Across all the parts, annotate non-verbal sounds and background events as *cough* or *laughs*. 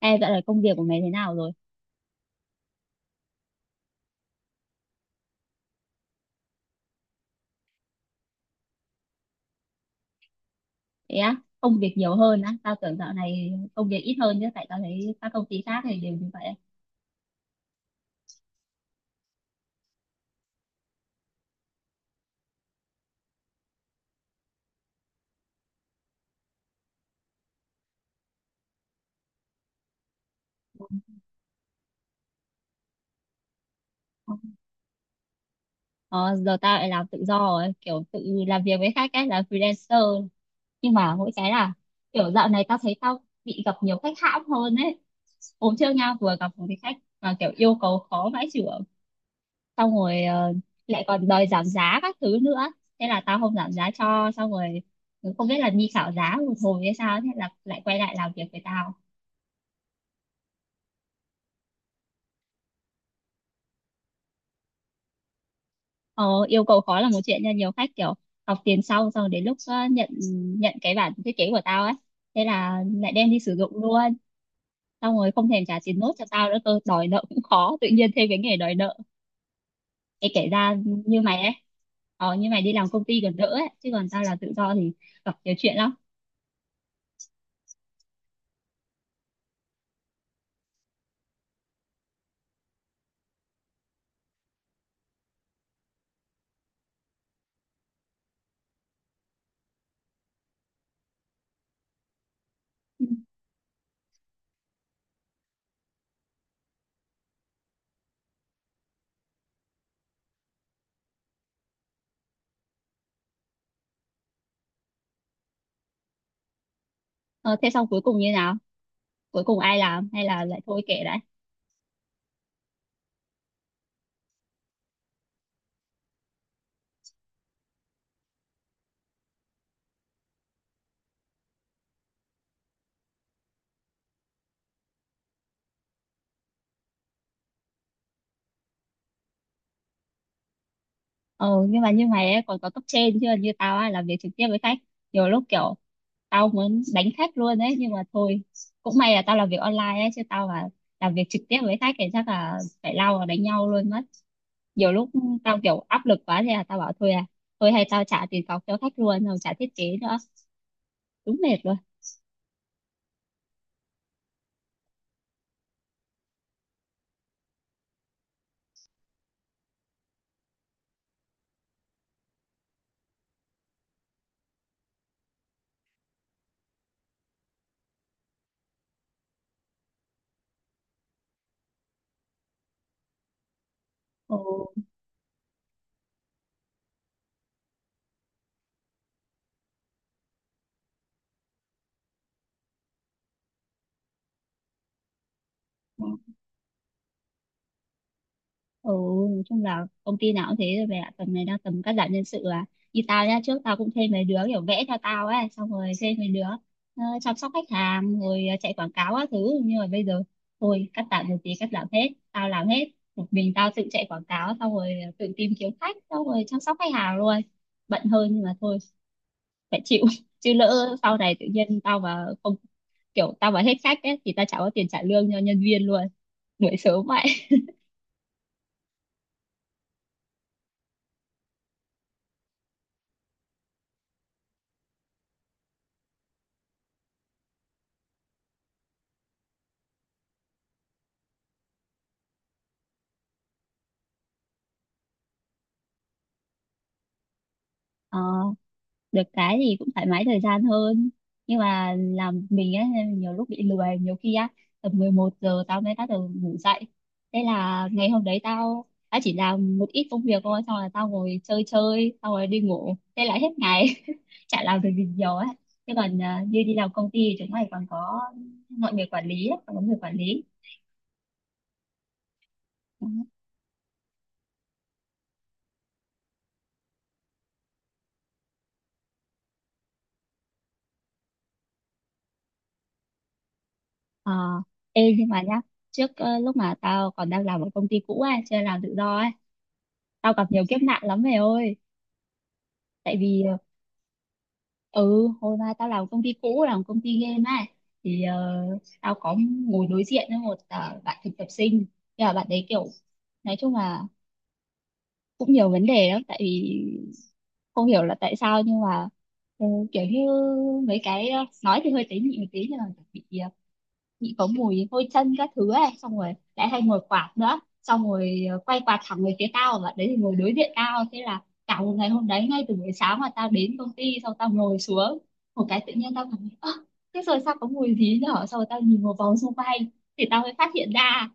Ê, dạo này công việc của mày thế nào rồi? Thế á, công việc nhiều hơn á? Tao tưởng dạo này công việc ít hơn chứ, tại tao thấy các công ty khác thì đều như vậy. Ờ, giờ tao lại làm tự do rồi, kiểu tự làm việc với khách ấy, làm freelancer. Nhưng mà mỗi cái là kiểu dạo này tao thấy tao bị gặp nhiều khách hãm hơn ấy. Hôm trước nha, vừa gặp một cái khách mà kiểu yêu cầu khó vãi chưởng, xong rồi lại còn đòi giảm giá các thứ nữa. Thế là tao không giảm giá cho, xong rồi không biết là đi khảo giá một hồi hay sao, thế là lại quay lại làm việc với tao. Ờ, yêu cầu khó là một chuyện nha, nhiều khách kiểu học tiền sau, xong đến lúc nhận nhận cái bản thiết kế của tao ấy, thế là lại đem đi sử dụng luôn, xong rồi không thèm trả tiền nốt cho tao nữa cơ. Đòi nợ cũng khó, tự nhiên thêm cái nghề đòi nợ, cái kể ra như mày ấy. Như mày đi làm công ty còn đỡ ấy chứ còn tao là tự do thì gặp nhiều chuyện lắm. Ừ. ờ, thế xong cuối cùng như nào, cuối cùng ai làm hay là lại thôi kệ đấy? Ừ nhưng mà như mày ấy còn có cấp trên, chứ như tao á làm việc trực tiếp với khách, nhiều lúc kiểu tao muốn đánh khách luôn ấy, nhưng mà thôi, cũng may là tao làm việc online ấy, chứ tao mà làm việc trực tiếp với khách thì chắc là phải lao vào đánh nhau luôn mất. Nhiều lúc tao kiểu áp lực quá thì là tao bảo thôi à, thôi hay tao trả tiền cọc cho khách luôn, không trả thiết kế nữa, đúng mệt luôn. Ừ. Ừ, nói chung là công ty nào cũng thế rồi về ạ. Tầm này đang tầm cắt giảm nhân sự à. Như tao nhá, trước tao cũng thuê mấy đứa kiểu vẽ theo tao ấy, xong rồi thuê mấy đứa chăm sóc khách hàng, rồi chạy quảng cáo các thứ. Nhưng mà bây giờ, thôi, cắt giảm một tí, cắt giảm hết. Tao làm hết. Một mình tao tự chạy quảng cáo, xong rồi tự tìm kiếm khách, xong rồi chăm sóc khách hàng luôn. Bận hơn nhưng mà thôi, phải chịu. *laughs* Chứ lỡ sau này tự nhiên tao mà không, kiểu tao mà hết khách ấy, thì tao chả có tiền trả lương cho nhân viên luôn. Đuổi sớm vậy. Ờ, được cái thì cũng thoải mái thời gian hơn, nhưng mà làm mình ấy nên nhiều lúc bị lười. Nhiều khi á, tầm 11 giờ tao mới bắt đầu ngủ dậy, thế là ngày hôm đấy tao tao chỉ làm một ít công việc thôi, xong rồi tao ngồi chơi chơi xong rồi đi ngủ, thế là hết ngày. *laughs* Chả làm được gì nhiều ấy. Thế còn à, như đi làm công ty thì chúng mày còn có mọi người quản lý ấy, còn có người quản lý. Đó. Ờ, ê nhưng mà nhá, trước lúc mà tao còn đang làm ở công ty cũ ấy, chưa làm tự do ấy, tao gặp nhiều kiếp nạn lắm mày ơi. Tại vì ừ, hồi mà tao làm công ty cũ, làm công ty game á, thì tao có ngồi đối diện với một bạn thực tập sinh, nhưng mà bạn đấy kiểu nói chung là cũng nhiều vấn đề lắm. Tại vì không hiểu là tại sao nhưng mà ừ, kiểu như mấy cái nói thì hơi tế nhị một tí, nhưng mà bị bị có mùi hôi chân các thứ ấy, xong rồi lại hay ngồi quạt nữa, xong rồi quay quạt thẳng về phía tao, và đấy thì ngồi đối diện tao, thế là cả một ngày hôm đấy ngay từ buổi sáng mà tao đến công ty xong tao ngồi xuống một cái, tự nhiên tao cảm thấy ơ, thế rồi sao có mùi gì nhở, xong rồi tao nhìn một vòng xung quanh, thì tao mới phát hiện ra,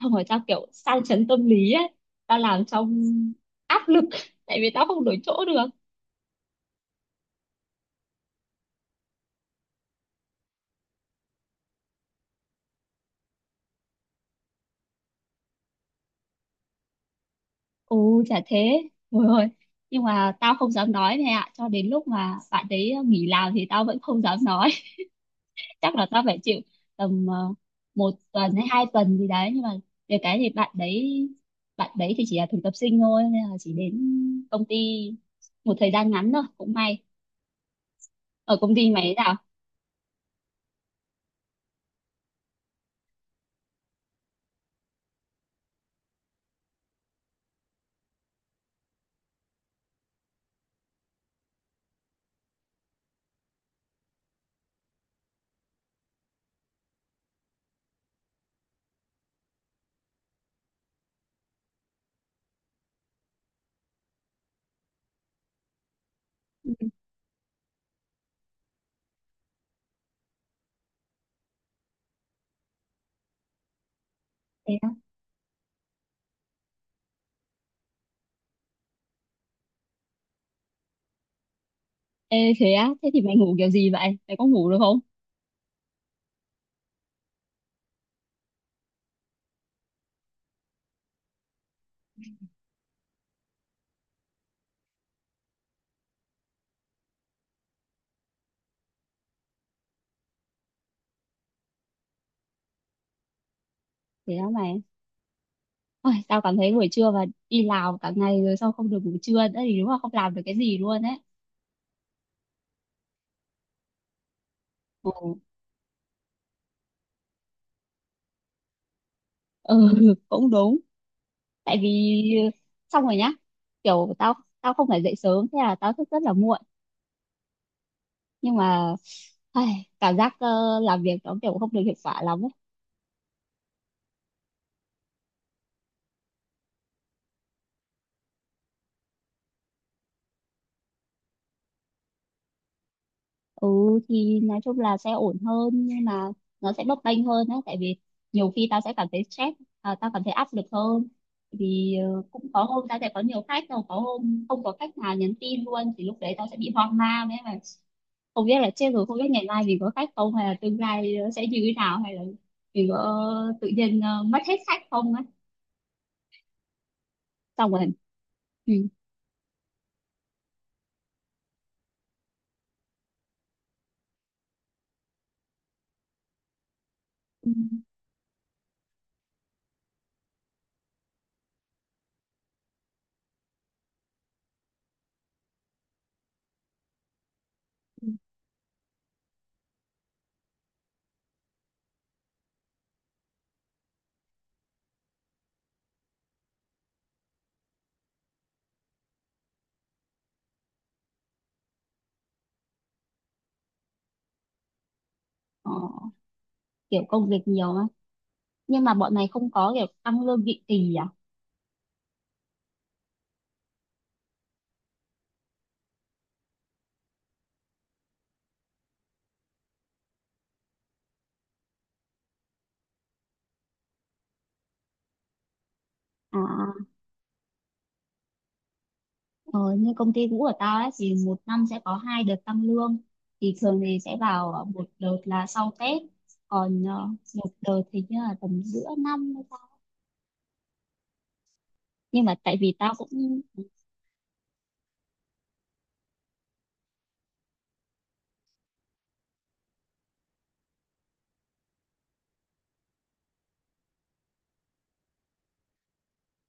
xong rồi tao kiểu sang chấn tâm lý ấy, tao làm trong áp lực. *laughs* Tại vì tao không đổi chỗ được. Ồ, chả thế. Ôi ơi. Nhưng mà tao không dám nói này ạ. Cho đến lúc mà bạn đấy nghỉ làm thì tao vẫn không dám nói. *laughs* Chắc là tao phải chịu tầm một tuần hay 2 tuần gì đấy. Nhưng mà về cái thì bạn đấy thì chỉ là thực tập sinh thôi. Nên là chỉ đến công ty một thời gian ngắn thôi. Cũng may. Ở công ty mày thế nào? Ừ. Thế á? Ê, thế á? Thế thì mày ngủ kiểu gì vậy? Mày có ngủ được không? Thế á mày. Ôi, tao cảm thấy buổi trưa và đi làm cả ngày rồi sao không được ngủ trưa nữa thì đúng là không làm được cái gì luôn ấy. Ừ, ừ, *laughs* cũng đúng. Tại vì ờ, xong rồi nhá, kiểu tao tao không phải dậy sớm, thế là tao thức rất là muộn, nhưng mà ai, cảm giác làm việc nó kiểu không được hiệu quả lắm ấy. Ừ, thì nói chung là sẽ ổn hơn nhưng mà nó sẽ bấp bênh hơn á. Tại vì nhiều khi tao sẽ cảm thấy stress, à, tao cảm thấy áp lực hơn. Vì cũng có hôm tao sẽ có nhiều khách, rồi có hôm không có khách nào nhắn tin luôn, thì lúc đấy tao sẽ bị hoang mang ấy mà, không biết là chết rồi, không biết ngày mai mình có khách không, hay là tương lai nó sẽ như thế nào, hay là mình có tự nhiên mất hết khách không á, xong rồi. Ừ. Ừ, ừ. Ờ, kiểu công việc nhiều á, nhưng mà bọn này không có kiểu tăng lương định kỳ à? À, ờ, như công ty cũ của tao ấy thì một năm sẽ có hai đợt tăng lương. Thì thường thì sẽ vào một đợt là sau Tết, còn một đợt thì như là tầm giữa năm hay sao. Nhưng mà tại vì tao cũng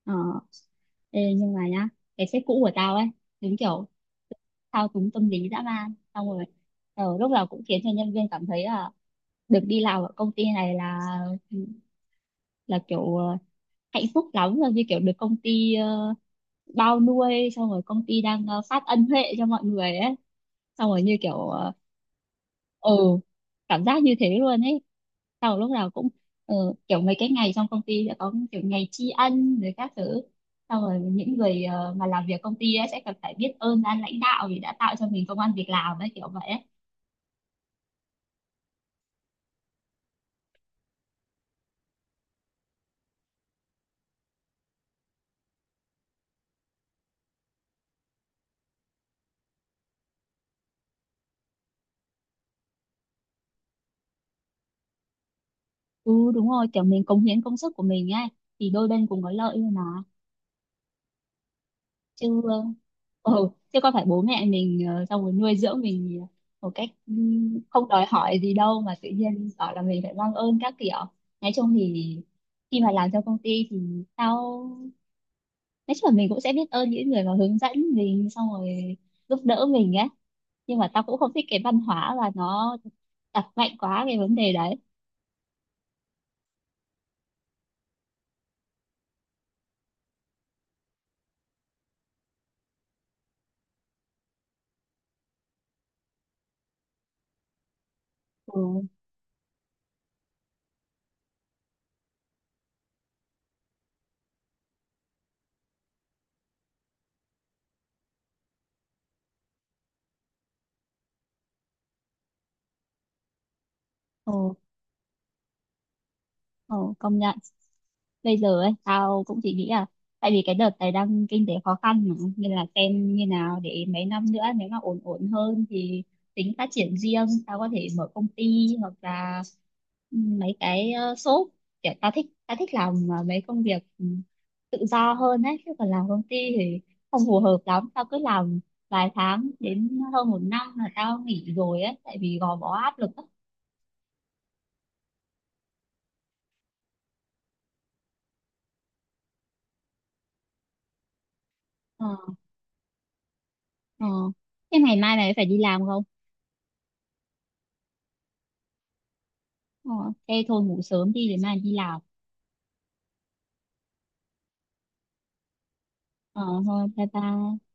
ờ, ê, nhưng mà nhá, cái sếp cũ của tao ấy đúng kiểu thao túng tâm lý dã man, xong rồi lúc nào cũng khiến cho nhân viên cảm thấy là được đi làm ở công ty này là kiểu hạnh phúc lắm rồi, như kiểu được công ty bao nuôi, xong rồi công ty đang phát ân huệ cho mọi người ấy, xong rồi như kiểu ừ cảm giác như thế luôn ấy. Sau lúc nào cũng ờ, kiểu mấy cái ngày trong công ty sẽ có kiểu ngày tri ân rồi các thứ, xong rồi những người mà làm việc công ty ấy sẽ cần phải biết ơn ban lãnh đạo vì đã tạo cho mình công ăn việc làm ấy, kiểu vậy ấy. Ừ, đúng rồi, kiểu mình cống hiến công sức của mình ấy thì đôi bên cùng có lợi thôi mà. Chứ ừ, chứ có phải bố mẹ mình xong rồi nuôi dưỡng mình một cách không đòi hỏi gì đâu mà tự nhiên bảo là mình phải mang ơn các kiểu. Nói chung thì khi mà làm cho công ty thì tao, nói chung là mình cũng sẽ biết ơn những người mà hướng dẫn mình, xong rồi giúp đỡ mình ấy, nhưng mà tao cũng không thích cái văn hóa và nó đặt mạnh quá cái vấn đề đấy. Ừ. Ừ. Ờ, công nhận, bây giờ ấy tao cũng chỉ nghĩ là tại vì cái đợt này đang kinh tế khó khăn mà, nên là xem như nào để mấy năm nữa nếu mà ổn ổn hơn thì tính phát triển riêng. Tao có thể mở công ty hoặc là ừ, mấy cái shop. Kiểu tao thích, tao thích làm mấy công việc tự do hơn ấy, chứ còn làm công ty thì không phù hợp lắm. Tao cứ làm vài tháng đến hơn một năm là tao nghỉ rồi ấy, tại vì gò bó áp lực á. Ờ. Ờ, thế ngày mai mày phải đi làm không? Ờ, thế thôi ngủ sớm đi để mai đi làm. Ờ, thôi bye bye.